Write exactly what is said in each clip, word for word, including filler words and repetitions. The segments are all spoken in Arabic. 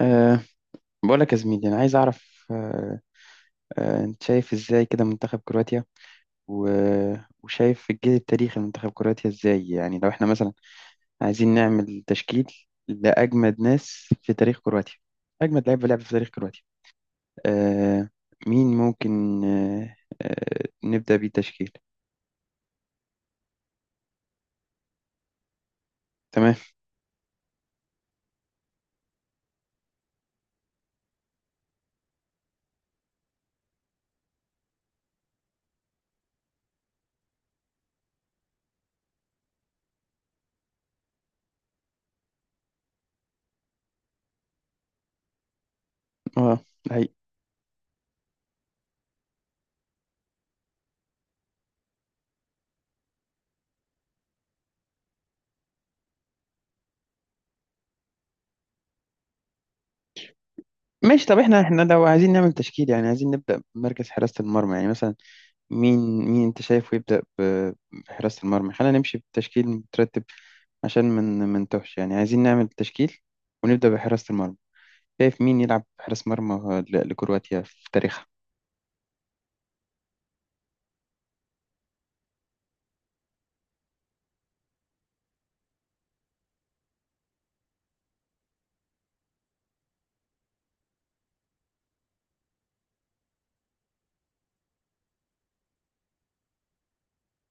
أه بقول لك يا زميلي، انا عايز اعرف. أه أه انت شايف ازاي كده منتخب كرواتيا، و- وشايف الجيل التاريخي لمنتخب كرواتيا ازاي؟ يعني لو احنا مثلا عايزين نعمل تشكيل لاجمد ناس في تاريخ كرواتيا، اجمد لعيبه لعب في تاريخ كرواتيا، أه مين ممكن أه أه نبدا بيه تشكيل؟ تمام. اه ده حقيقي. ماشي، طب احنا احنا لو عايزين نعمل تشكيل، يعني عايزين نبدا بمركز حراسه المرمى، يعني مثلا مين، مين انت شايفه يبدأ ب- بحراسة المرمى؟ خلينا نمشي بتشكيل مترتب عشان من منتوهش، يعني عايزين نعمل تشكيل ونبدأ بحراسة المرمى. شايف مين يلعب حارس مرمى ل- لكرواتيا في تاريخها؟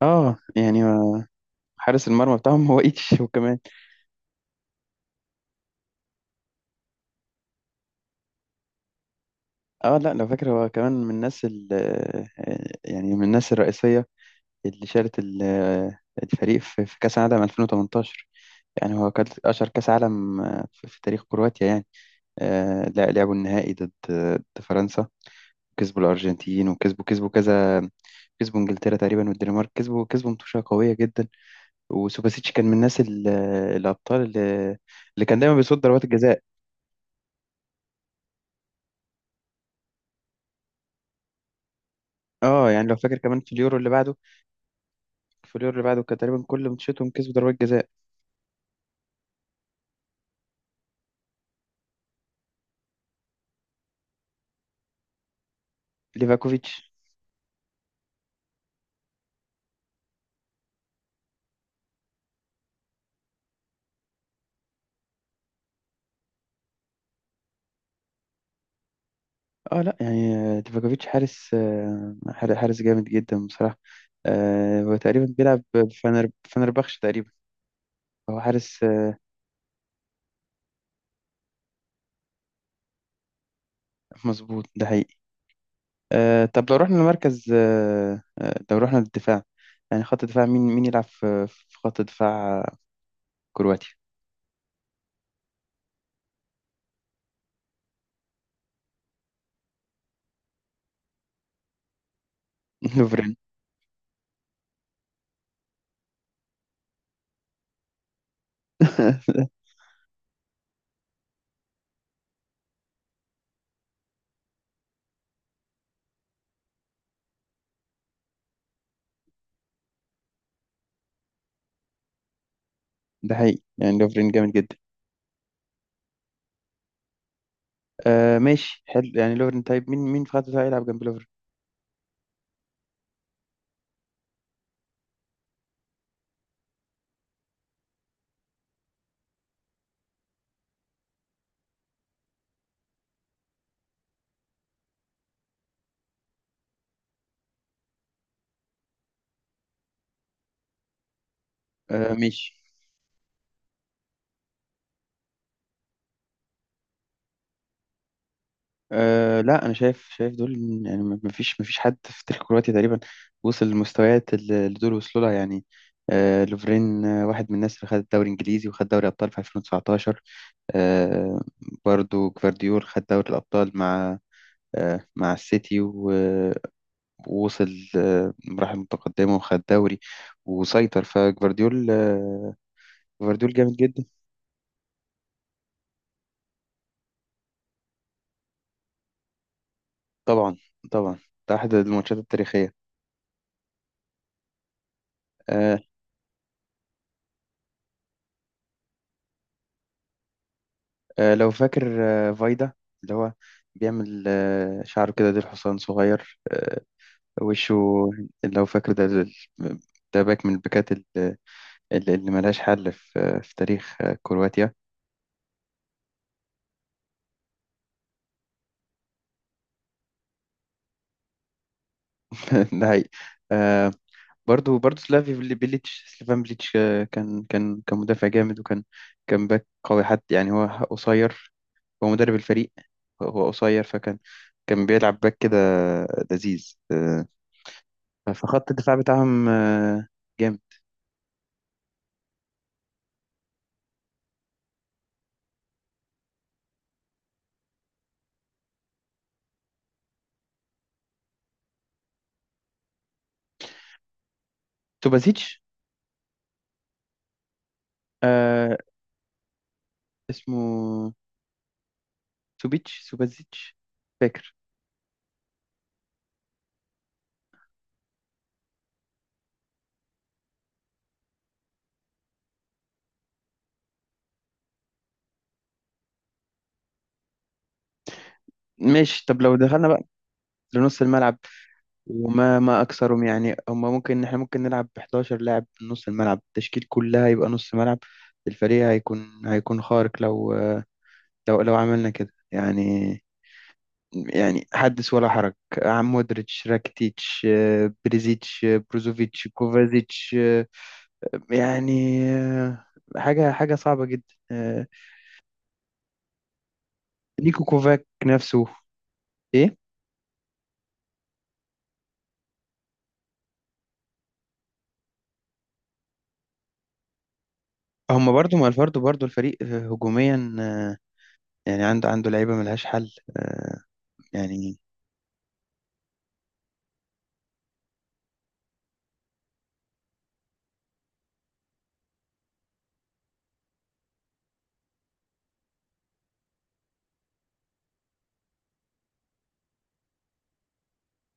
اه يعني حارس المرمى بتاعهم هو ايتش وكمان. اه لا، لو فاكر هو كمان من الناس ال يعني من الناس الرئيسية اللي شالت ال- الفريق في في كأس العالم ألفين وتمنتاشر. يعني هو كان أشهر كأس عالم في في تاريخ كرواتيا يعني. آه، لا، لعبوا النهائي ضد ضد فرنسا، كسبوا الارجنتين، وكسبوا كسبوا كذا، كسبوا انجلترا تقريبا والدنمارك، كسبوا كسبوا ماتشات قويه جدا. وسوباسيتش كان من الناس ال- الابطال اللي, اللي كان دايما بيصد ضربات الجزاء. اه يعني لو فاكر كمان في اليورو اللي بعده، في اليورو اللي بعده كان تقريبا كل ماتشاتهم كسبوا ضربات جزاء. ليفاكوفيتش. اه لا يعني، آه، ليفاكوفيتش حارس، آه، حار- حارس جامد جدا بصراحه. آه، هو تقريبا بيلعب في فنر فنربخش تقريبا. هو حارس. آه، مظبوط، ده حقيقي. آه طب لو رحنا لمركز، آه آه، لو رحنا للدفاع، يعني خط دفاع، مين، مين يلعب في في خط دفاع كرواتيا؟ لوفرين. ده حقيقي. يعني لوفرين جامد جدا. آه ماشي، حلو، يعني لوفرين. طيب مين، مين في خط الدفاع يلعب جنب لوفرين؟ آه ماشي. آه لا، انا شايف، شايف دول، إن- يعني ما ما فيش، ما فيش حد في تاريخ كرواتيا تقريبا وصل للمستويات اللي اللي دول وصلوا لها يعني. آه لوفرين آه واحد من الناس اللي خد الدوري الانجليزي وخد دوري ابطال في ألفين وتسعتاشر. آه، برضو جفارديول خد دوري الأبطال مع، آه، مع السيتي، و- ووصل آه، مراحل متقدمة وخد دوري وسيطر. فجفارديول، آه، جفارديول جامد جدا. طبعا، طبعا. ده أحد الماتشات التاريخية. آه، آه، لو فاكر آه، فايدا، اللي هو بيعمل آه، شعره كده ديل حصان صغير، آه، وشه. لو فاكر، ده، ده ده باك من الباكات اللي اللي ملهاش حل في في تاريخ آه، كرواتيا. ده حقيقي. آه، برضو، برضو سلافي بلي- بيليتش، سليفان بليتش، آه، كان كان كان مدافع جامد، وكان، كان باك قوي. حتى يعني هو قصير، هو مدرب الفريق. هو قصير، فكان كان بيلعب باك كده لذيذ. آه، فخط الدفاع بتاعهم آه، جامد. سوبازيتش، آه، اسمه سوبيتش سوبازيتش، فاكر. ماشي، طب لو دخلنا بقى لنص الملعب. وما ما اكثرهم يعني، هما ممكن، احنا ممكن نلعب ب 11 لاعب من نص الملعب، التشكيل كلها يبقى نص ملعب. الفريق هيكون هيكون خارق لو، لو لو عملنا كده يعني. يعني حدث ولا حرج. عم مودريتش، راكيتيتش، آه، بريزيتش، آه، بروزوفيتش، كوفازيتش، آه، يعني، آه، حاجة حاجة صعبة جدا. آه، نيكو كوفاك نفسه، ايه. هما برضو، ما الفرد برضو الفريق آه، هجوميا، آه، يعني عنده، عنده لعيبة ملهاش حل، آه، يعني.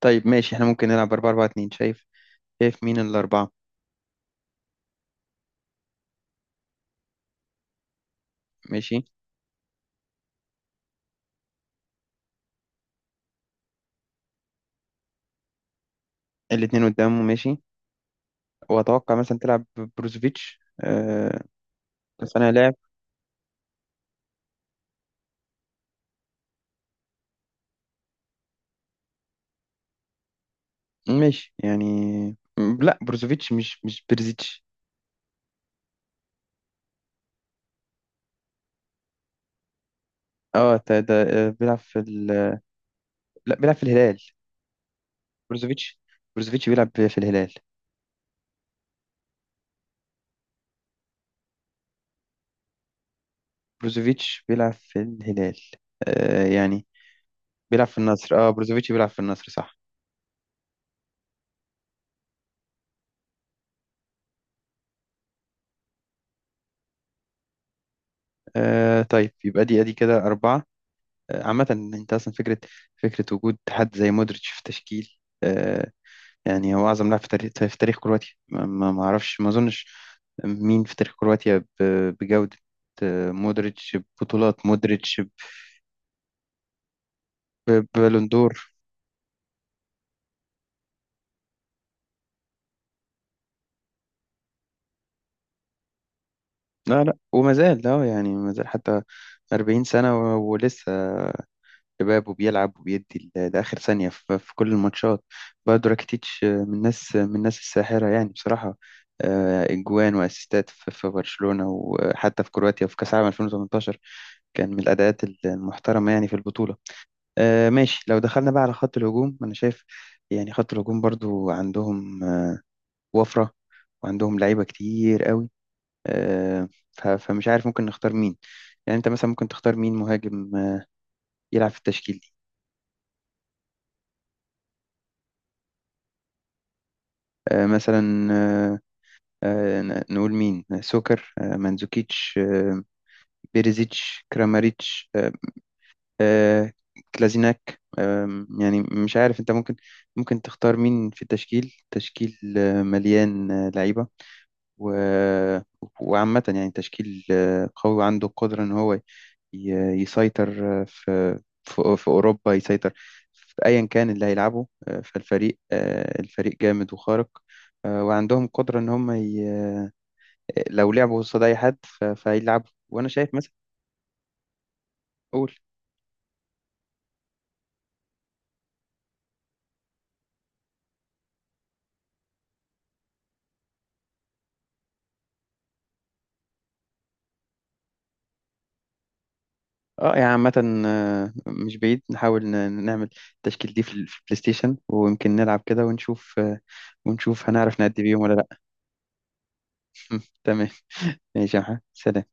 طيب ماشي، احنا ممكن نلعب أربعة أربعة اتنين. شايف، شايف مين الأربعة؟ ماشي. الاتنين قدامه. ماشي. وأتوقع مثلا تلعب بروزوفيتش آه صانع لعب. ماشي يعني. م- لا بروزوفيتش مش، مش برزيتش. اه ده ده آه، بيلعب في ال... لا، بيلعب في الهلال. بروزوفيتش، بروزوفيتش بيلعب في الهلال. بروزوفيتش بيلعب في الهلال. آه يعني بيلعب في النصر. اه بروزوفيتش بيلعب في النصر، صح. آه طيب، يبقى دي ادي كده أربعة. عامة انت اصلا فكرة، فكرة وجود حد زي مودريتش في تشكيل، آه، يعني هو اعظم لاعب في تاريخ، في تاريخ كرواتيا. ما ما- ما اعرفش، ما اظنش مين في تاريخ كرواتيا ب- بجودة آه، مودريتش، ببطولات مودريتش، ب- ببالون دور. لا لا، وما زال. لا يعني ما زال حتى أربعين سنة، و- ولسه شباب، وبيلعب وبيدي ل- لآخر ثانية ف- في كل الماتشات. بقى راكيتيتش، آه، من الناس، آه، من الناس الساحرة يعني بصراحة. آه، إجوان وأسيستات في في برشلونة، وحتى في كرواتيا وفي كأس العالم ألفين وتمنتاشر كان من الأداءات المحترمة يعني في البطولة. آه، ماشي. لو دخلنا بقى على خط الهجوم. أنا شايف يعني خط الهجوم برضو عندهم آه، وفرة، وعندهم لعيبة كتير قوي. آه، ف- فمش عارف ممكن نختار مين. يعني أنت مثلا ممكن تختار مين مهاجم آه، يلعب في التشكيل دي؟ آه، مثلا آه، آه، ن- نقول مين، سوكر، آه، مانزوكيتش، آه، بيريزيتش، كراماريتش، آه، آه، كلازيناك. آم، يعني مش عارف. انت ممكن، ممكن تختار مين في التشكيل. تشكيل آه، مليان آه، لعيبة، و- وعامة يعني تشكيل آه، قوي وعنده القدرة ان هو ي- يسيطر آه، في في في أوروبا. يسيطر في أيا كان اللي هيلعبه. آه، فالفريق آه، الفريق جامد وخارق، آه، وعندهم قدرة إن هم لو لعبوا قصاد اي حد ف- فهيلعبوا. وانا شايف مثلا، قول. اه يعني عامة، آه، مش بعيد نحاول ن- نعمل التشكيل دي في ال- في البلاي ستيشن، ويمكن نلعب كده ونشوف، آه، ونشوف هنعرف نأدي بيهم ولا لا. تمام. ماشي يا محمد، سلام.